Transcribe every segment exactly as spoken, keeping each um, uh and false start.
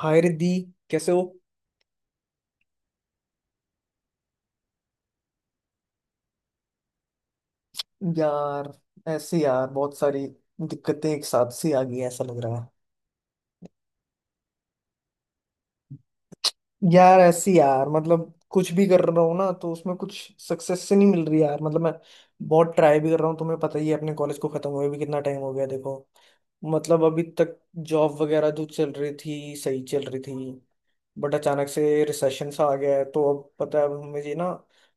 हाय रिद्धि, कैसे हो? यार, ऐसी यार बहुत सारी दिक्कतें एक साथ सी आ गई हैं, ऐसा लग रहा है। यार, ऐसी यार मतलब कुछ भी कर रहा हूँ ना तो उसमें कुछ सक्सेस से नहीं मिल रही यार। मतलब मैं बहुत ट्राई भी कर रहा हूँ, तुम्हें पता ही है अपने कॉलेज को खत्म हुए भी कितना टाइम हो गया। देखो, मतलब अभी तक जॉब वगैरह जो चल रही थी सही चल रही थी, बट अचानक से रिसेशन सा आ गया है, तो अब पता है अब हमें ये ना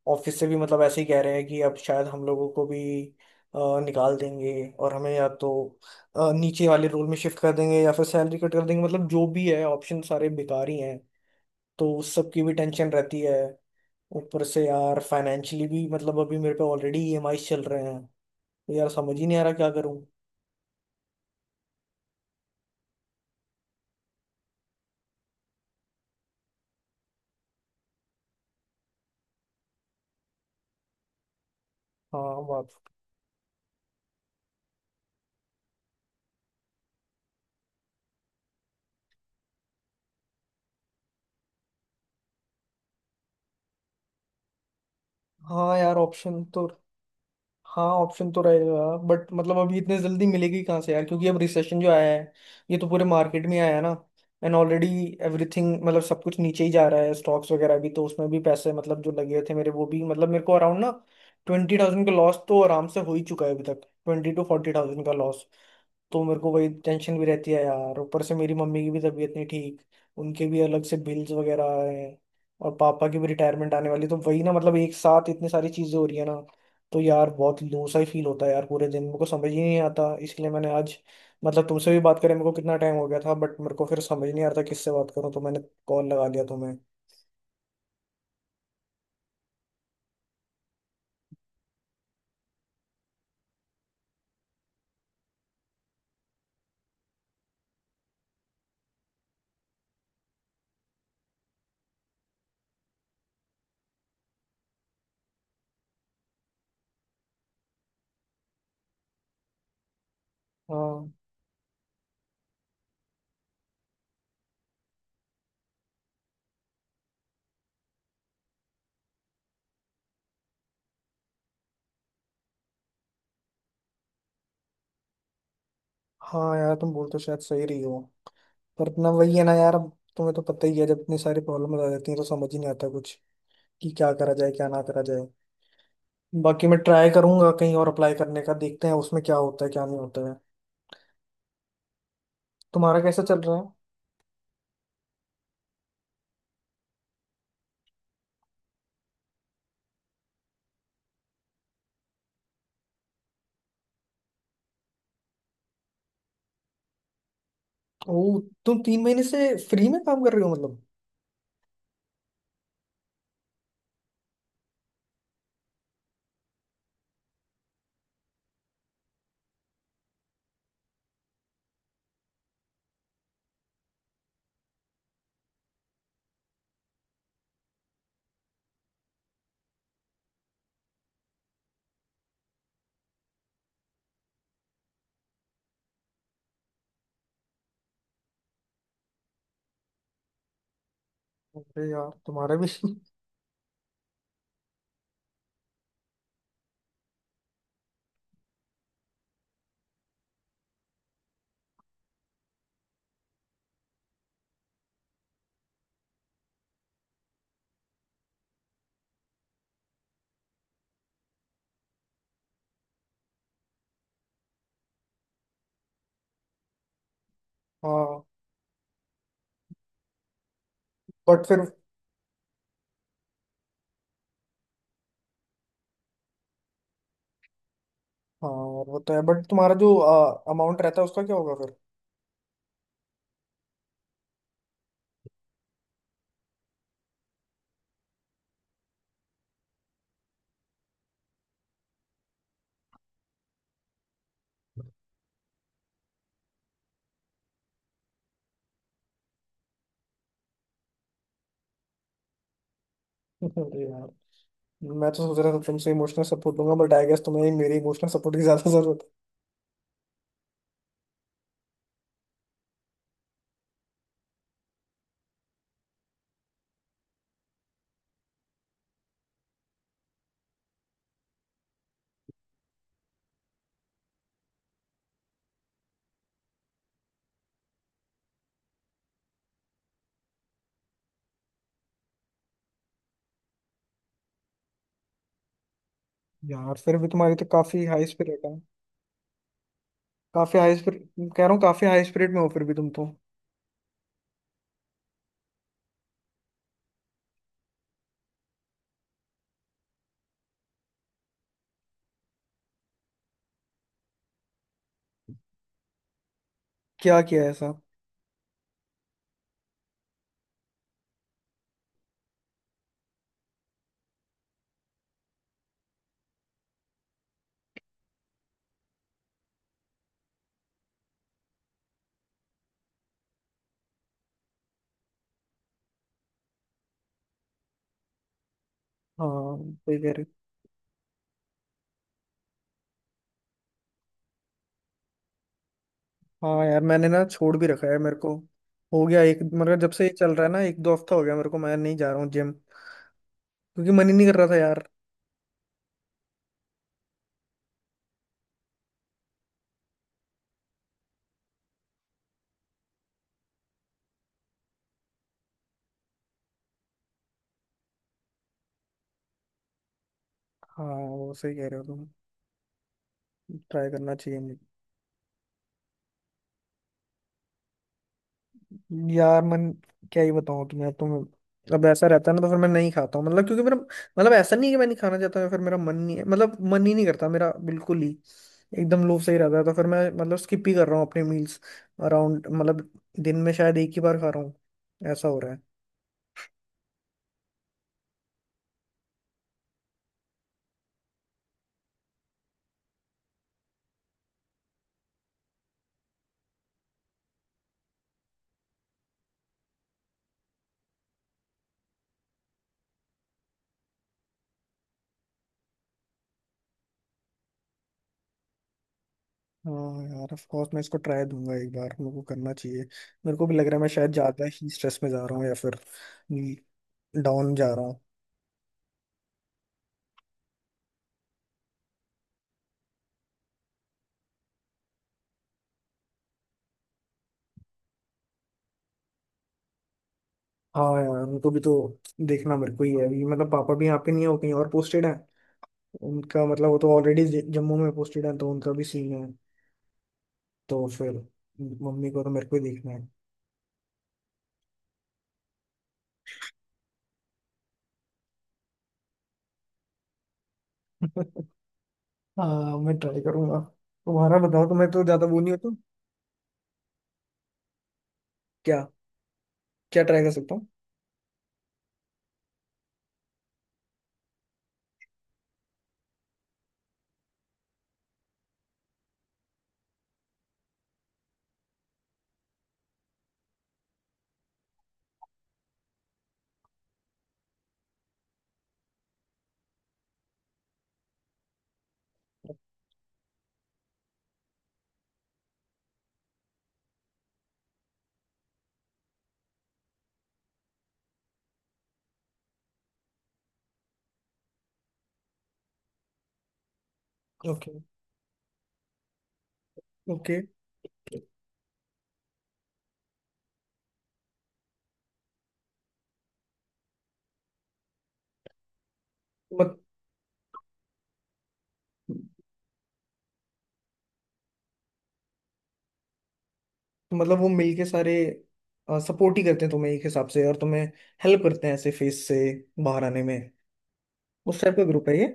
ऑफिस से भी मतलब ऐसे ही कह रहे हैं कि अब शायद हम लोगों को भी अ, निकाल देंगे। और हमें या तो अ, नीचे वाले रोल में शिफ्ट कर देंगे या फिर सैलरी कट कर देंगे, मतलब जो भी है ऑप्शन सारे बेकार ही हैं। तो उस सब की भी टेंशन रहती है। ऊपर से यार फाइनेंशियली भी मतलब अभी मेरे पे ऑलरेडी ईएमआई चल रहे हैं, तो यार समझ ही नहीं आ रहा क्या करूं। हाँ, बात। हाँ यार, ऑप्शन तो। हाँ, ऑप्शन तो रहेगा बट मतलब अभी इतने जल्दी मिलेगी कहाँ से यार, क्योंकि अब रिसेशन जो आया है ये तो पूरे मार्केट में आया है ना। एंड ऑलरेडी एवरीथिंग मतलब सब कुछ नीचे ही जा रहा है, स्टॉक्स वगैरह भी, तो उसमें भी पैसे मतलब जो लगे थे मेरे वो भी मतलब मेरे को अराउंड ना ट्वेंटी थाउजेंड का लॉस तो आराम से हो ही चुका है, अभी तक ट्वेंटी टू फोर्टी थाउजेंड का लॉस। तो मेरे को वही टेंशन भी रहती है यार। ऊपर से मेरी मम्मी की भी तबीयत नहीं ठीक, उनके भी अलग से बिल्स वगैरह हैं, और पापा की भी रिटायरमेंट आने वाली, तो वही ना, मतलब एक साथ इतनी सारी चीजें हो रही है ना। तो यार बहुत लो सा ही फील होता है यार पूरे दिन, मेरे को समझ ही नहीं आता। इसलिए मैंने आज मतलब तुमसे भी बात करें मेरे को कितना टाइम हो गया था, बट मेरे को फिर समझ नहीं आ रहा था किससे बात करूं, तो मैंने कॉल लगा लिया तुम्हें। हाँ। हाँ यार, तुम बोल तो शायद सही रही हो, पर ना वही है ना यार। अब तुम्हें तो पता ही है, जब इतनी सारी प्रॉब्लम आ जाती है तो समझ ही नहीं आता कुछ कि क्या करा जाए क्या ना करा जाए। बाकी मैं ट्राई करूंगा कहीं और अप्लाई करने का, देखते हैं उसमें क्या होता है क्या नहीं होता है। तुम्हारा कैसा चल रहा है? ओ, तुम तीन महीने से फ्री में काम कर रहे हो मतलब? अरे यार, तुम्हारा भी हाँ, बट फिर। हाँ यार वो तो है, बट तुम्हारा जो अमाउंट रहता है उसका क्या होगा फिर? अरे यार, मैं तो सोच रहा था तुमसे इमोशनल सपोर्ट लूंगा, बट आई गेस तुम्हें ही मेरी इमोशनल सपोर्ट की ज्यादा जरूरत है यार। फिर भी तुम्हारी तो काफी हाई स्पिरिट है। काफी हाई स्पिरिट कह रहा हूँ, काफी हाई स्पिरिट में हो फिर भी तुम तो। क्या किया है ऐसा? हाँ, वही कह रहे। हाँ यार, मैंने ना छोड़ भी रखा है, मेरे को हो गया एक मतलब जब से ये चल रहा है ना, एक दो हफ्ता हो गया मेरे को, मैं नहीं जा रहा हूँ जिम, क्योंकि मन ही नहीं कर रहा था यार। हाँ, वो सही कह रहे हो तुम, ट्राई करना चाहिए मुझे। यार मन, क्या ही बताऊँ तुम्हें, तुम अब ऐसा रहता है ना तो फिर मैं नहीं खाता हूँ, मतलब क्योंकि मेरा मतलब ऐसा नहीं है कि मैं नहीं खाना चाहता हूँ या फिर मेरा मन नहीं है, मतलब मन ही नहीं करता मेरा बिल्कुल ही, एकदम लोभ सही रहता है, तो फिर मैं मतलब स्किप ही कर रहा हूँ अपने मील्स। अराउंड मतलब दिन में शायद एक ही बार खा रहा हूँ, ऐसा हो रहा है। हाँ यार ऑफ कोर्स, मैं इसको ट्राई दूंगा एक बार, मेरे को करना चाहिए। मेरे को भी लग रहा है मैं शायद ज्यादा ही स्ट्रेस में जा रहा हूँ या फिर डाउन जा रहा हूँ। हाँ यार, उनको भी तो देखना मेरे को ही है अभी, मतलब पापा भी यहाँ पे नहीं है, वो कहीं और पोस्टेड है, उनका मतलब वो तो ऑलरेडी जम्मू में पोस्टेड है, तो उनका भी सीन है। तो फिर मम्मी को तो मेरे को ही देखना है। हाँ, मैं ट्राई करूंगा। तुम्हारा बताओ, तुम्हें तो ज्यादा वो नहीं हो तो। क्या? क्या ट्राई कर सकता हूँ? Okay, okay. मत, मतलब वो मिलके सारे सपोर्ट ही करते हैं तुम्हें, एक हिसाब से, और तुम्हें हेल्प करते हैं ऐसे फेस से बाहर आने में, उस टाइप का ग्रुप है ये?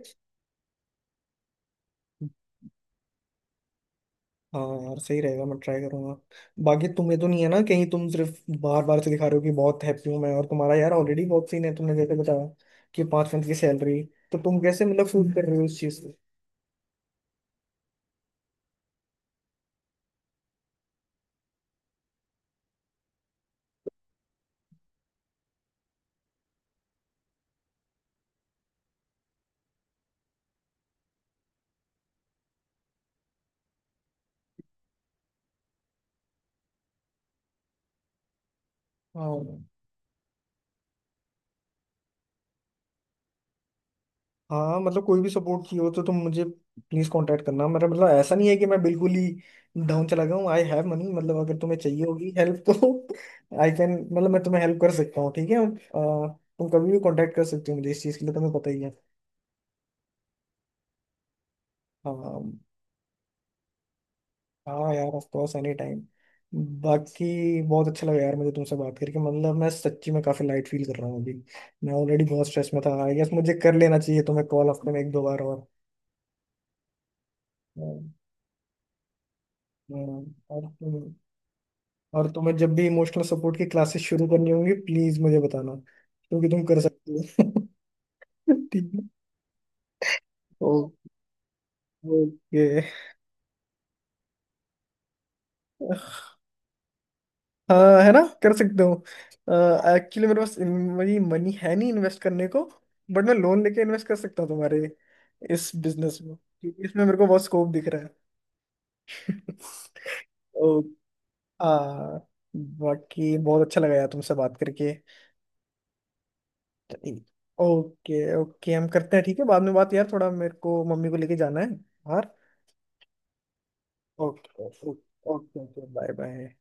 हाँ यार, सही रहेगा, मैं ट्राई करूंगा। बाकी तुम्हें तो नहीं है ना कहीं, तुम सिर्फ बार बार से दिखा रहे हो कि बहुत हैप्पी हूँ मैं, और तुम्हारा यार ऑलरेडी बहुत सीन है, तुमने जैसे बताया कि पांच मंथ की सैलरी, तो तुम कैसे मतलब फील कर रहे हो इस चीज को? हाँ। हाँ, मतलब कोई भी सपोर्ट चाहिए हो तो तुम मुझे प्लीज कांटेक्ट करना। मेरा मतलब ऐसा नहीं है कि मैं बिल्कुल ही डाउन चला गया हूँ। आई हैव मनी, मतलब अगर तुम्हें चाहिए होगी हेल्प तो आई कैन मतलब मैं तुम्हें हेल्प कर सकता हूँ, ठीक है। अ, तुम कभी भी कांटेक्ट कर सकते हो मुझे इस चीज के लिए, तुम्हें पता ही है। हाँ। हाँ यार, ऑफ कोर्स, एनी टाइम। बाकी बहुत अच्छा लगा यार मुझे तुमसे बात करके, मतलब मैं सच्ची में काफी लाइट फील कर रहा हूँ अभी। मैं ऑलरेडी बहुत स्ट्रेस में था, आई गेस मुझे कर लेना चाहिए तुम्हें कॉल हफ्ते में एक दो बार और। हम्म, और तुम, और तुम्हें जब भी इमोशनल सपोर्ट की क्लासेस शुरू करनी होंगी प्लीज मुझे बताना, क्योंकि तुम कर सकती हो। ठीक है। ओके। हाँ, है ना, कर सकता हूँ एक्चुअली। मेरे पास मेरी मनी है नहीं इन्वेस्ट करने को, बट मैं लोन लेके इन्वेस्ट कर सकता हूँ तुम्हारे इस बिजनेस में, क्योंकि इसमें मेरे को बहुत स्कोप दिख रहा है। ओ, आ, बाकी बहुत अच्छा लगा यार तुमसे बात करके। ओके, ओके, हम करते हैं, ठीक है बाद में बात, यार थोड़ा मेरे को मम्मी को लेके जाना है बाहर। Okay, okay, okay, bye bye.